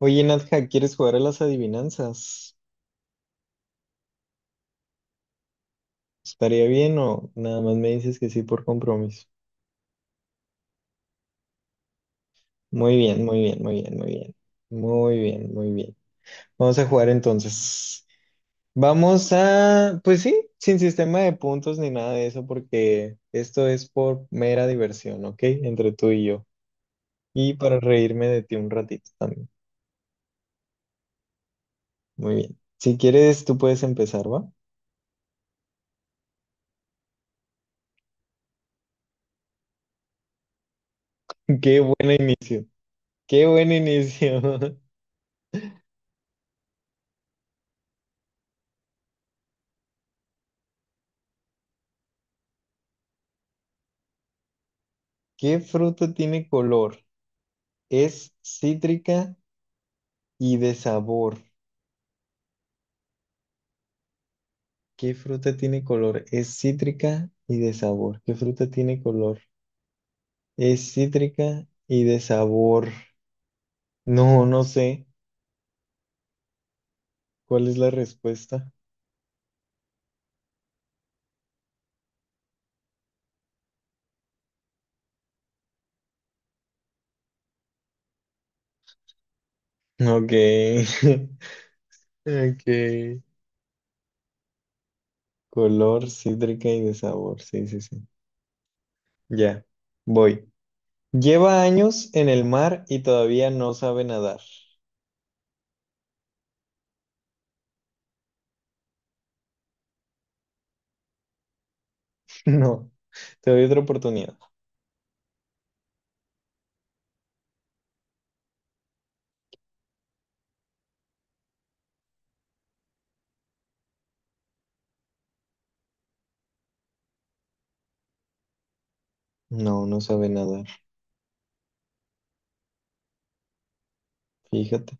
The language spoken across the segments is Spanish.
Oye, Nadja, ¿quieres jugar a las adivinanzas? ¿Estaría bien o nada más me dices que sí por compromiso? Muy bien, muy bien, muy bien, muy bien. Muy bien, muy bien. Vamos a jugar entonces. Vamos a, pues sí, sin sistema de puntos ni nada de eso, porque esto es por mera diversión, ¿ok? Entre tú y yo. Y para reírme de ti un ratito también. Muy bien. Si quieres, tú puedes empezar, ¿va? Qué buen inicio. Qué buen inicio. ¿Qué fruta tiene color? Es cítrica y de sabor. ¿Qué fruta tiene color? Es cítrica y de sabor. ¿Qué fruta tiene color? Es cítrica y de sabor. No, no sé. ¿Cuál es la respuesta? Ok. Ok. Color, cítrica y de sabor. Sí, sí, sí. Ya. Voy. Lleva años en el mar y todavía no sabe nadar. No. Te doy otra oportunidad. No, no sabe nadar. Fíjate.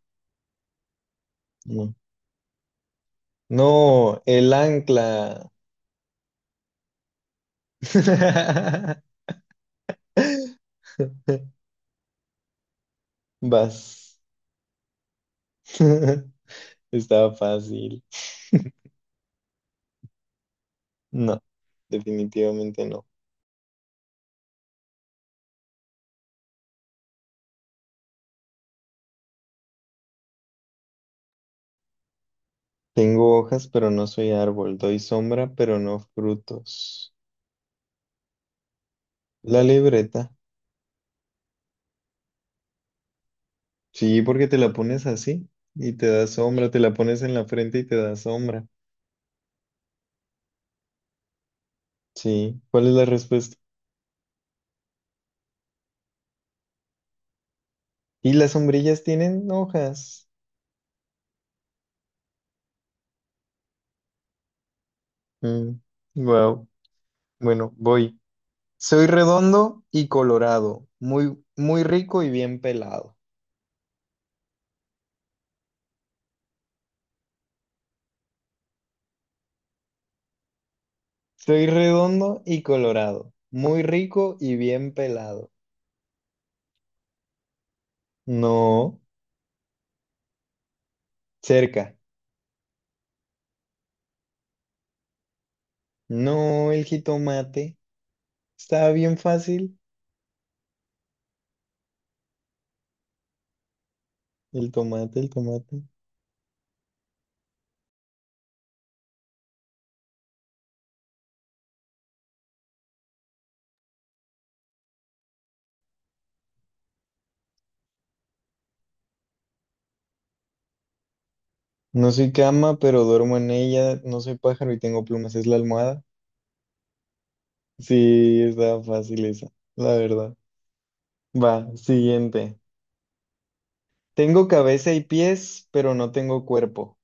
No. No, el ancla. Vas. Estaba fácil. No, definitivamente no. Tengo hojas, pero no soy árbol. Doy sombra, pero no frutos. La libreta. Sí, porque te la pones así y te da sombra. Te la pones en la frente y te da sombra. Sí. ¿Cuál es la respuesta? Y las sombrillas tienen hojas. Wow. Bueno, voy. Soy redondo y colorado, muy, muy rico y bien pelado. Soy redondo y colorado, muy rico y bien pelado. No, cerca. No, el jitomate. Está bien fácil. El tomate, el tomate. No soy cama, pero duermo en ella. No soy pájaro y tengo plumas. Es la almohada. Sí, está fácil esa, la verdad. Va, siguiente. Tengo cabeza y pies, pero no tengo cuerpo.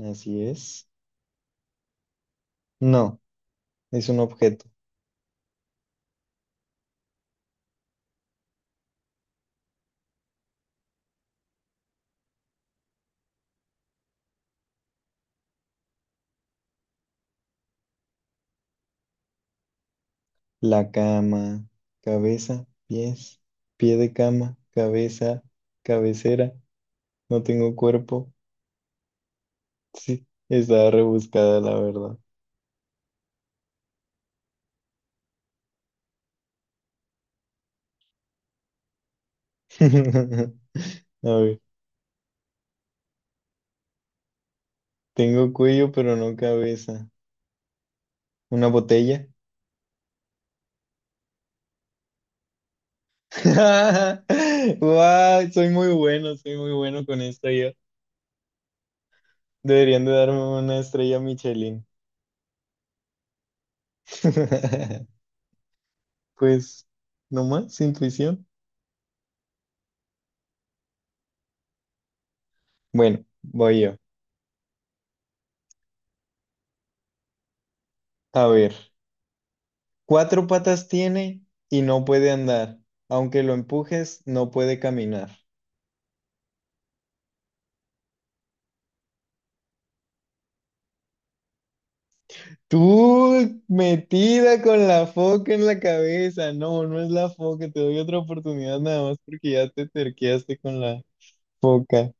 Así es. No. Es un objeto. La cama, cabeza, pies, pie de cama, cabeza, cabecera. No tengo cuerpo. Sí, estaba rebuscada, la verdad. A ver, tengo cuello, pero no cabeza. ¿Una botella? ¡Wow! Soy muy bueno con esto yo. Deberían de darme una estrella Michelin. Pues, no más intuición. Bueno, voy yo. A ver. Cuatro patas tiene y no puede andar. Aunque lo empujes, no puede caminar. Tú metida con la foca en la cabeza. No, no es la foca. Te doy otra oportunidad nada más porque ya te terqueaste con la foca.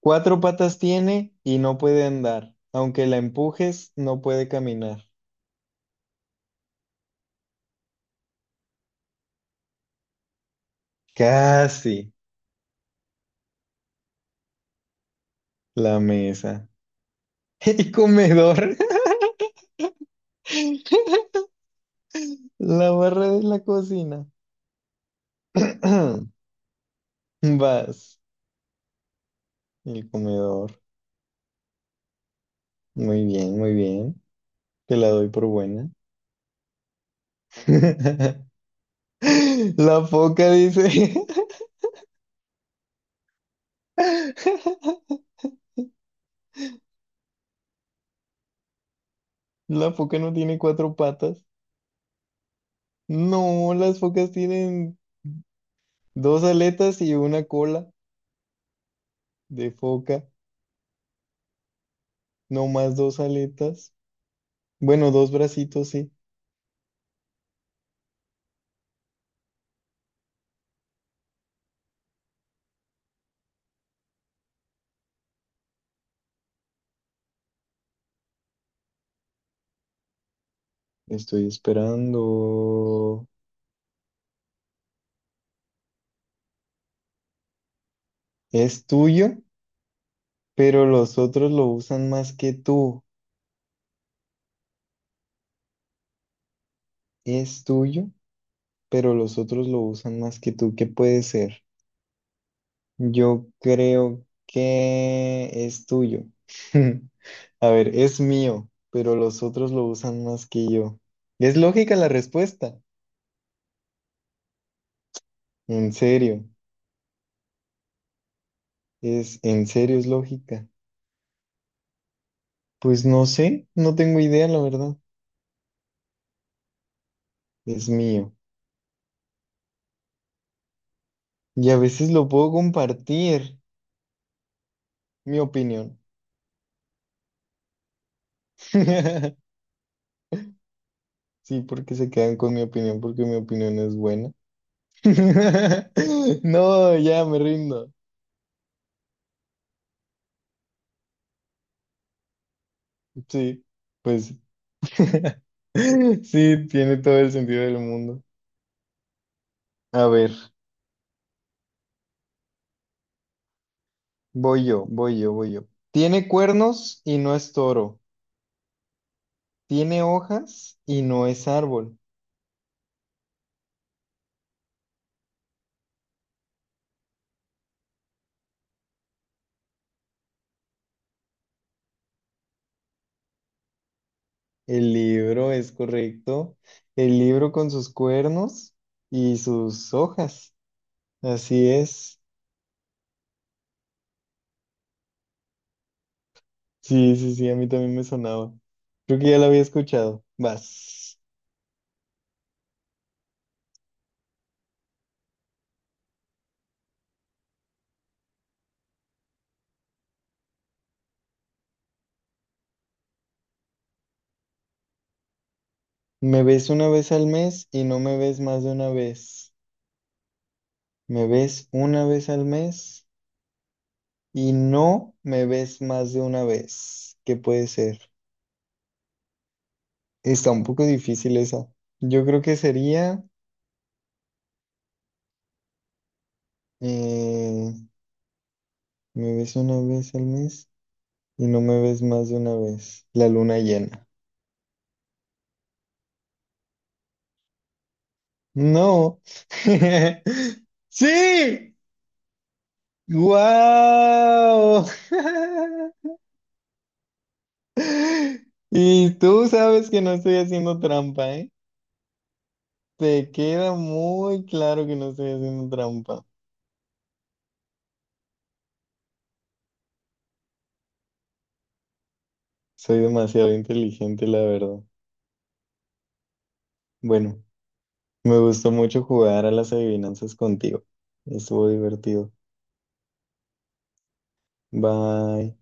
Cuatro patas tiene y no puede andar. Aunque la empujes, no puede caminar. Casi la mesa. El comedor. La barra de la cocina. Vas. El comedor. Muy bien, muy bien. Te la doy por buena. La foca dice, la foca no tiene cuatro patas. No, las focas tienen dos aletas y una cola de foca. No más dos aletas. Bueno, dos bracitos, sí. Estoy esperando. Es tuyo, pero los otros lo usan más que tú. Es tuyo, pero los otros lo usan más que tú. ¿Qué puede ser? Yo creo que es tuyo. A ver, es mío, pero los otros lo usan más que yo. Es lógica la respuesta. En serio, en serio es lógica. Pues no sé, no tengo idea, la verdad. Es mío. Y a veces lo puedo compartir, mi opinión. Sí, porque se quedan con mi opinión, porque mi opinión es buena. No, ya me rindo. Sí, pues. Sí, tiene todo el sentido del mundo. A ver, voy yo, voy yo, voy yo. Tiene cuernos y no es toro. Tiene hojas y no es árbol. El libro es correcto. El libro con sus cuernos y sus hojas. Así es. Sí, sí, sí, a mí también me sonaba. Creo que ya lo había escuchado. Vas. Me ves una vez al mes y no me ves más de una vez. Me ves una vez al mes y no me ves más de una vez. ¿Qué puede ser? Está un poco difícil esa. Yo creo que sería, eh, me ves una vez al mes y no me ves más de una vez. La luna llena. No. Sí. ¡Guau! Y tú sabes que no estoy haciendo trampa, ¿eh? Te queda muy claro que no estoy haciendo trampa. Soy demasiado inteligente, la verdad. Bueno, me gustó mucho jugar a las adivinanzas contigo. Estuvo divertido. Bye.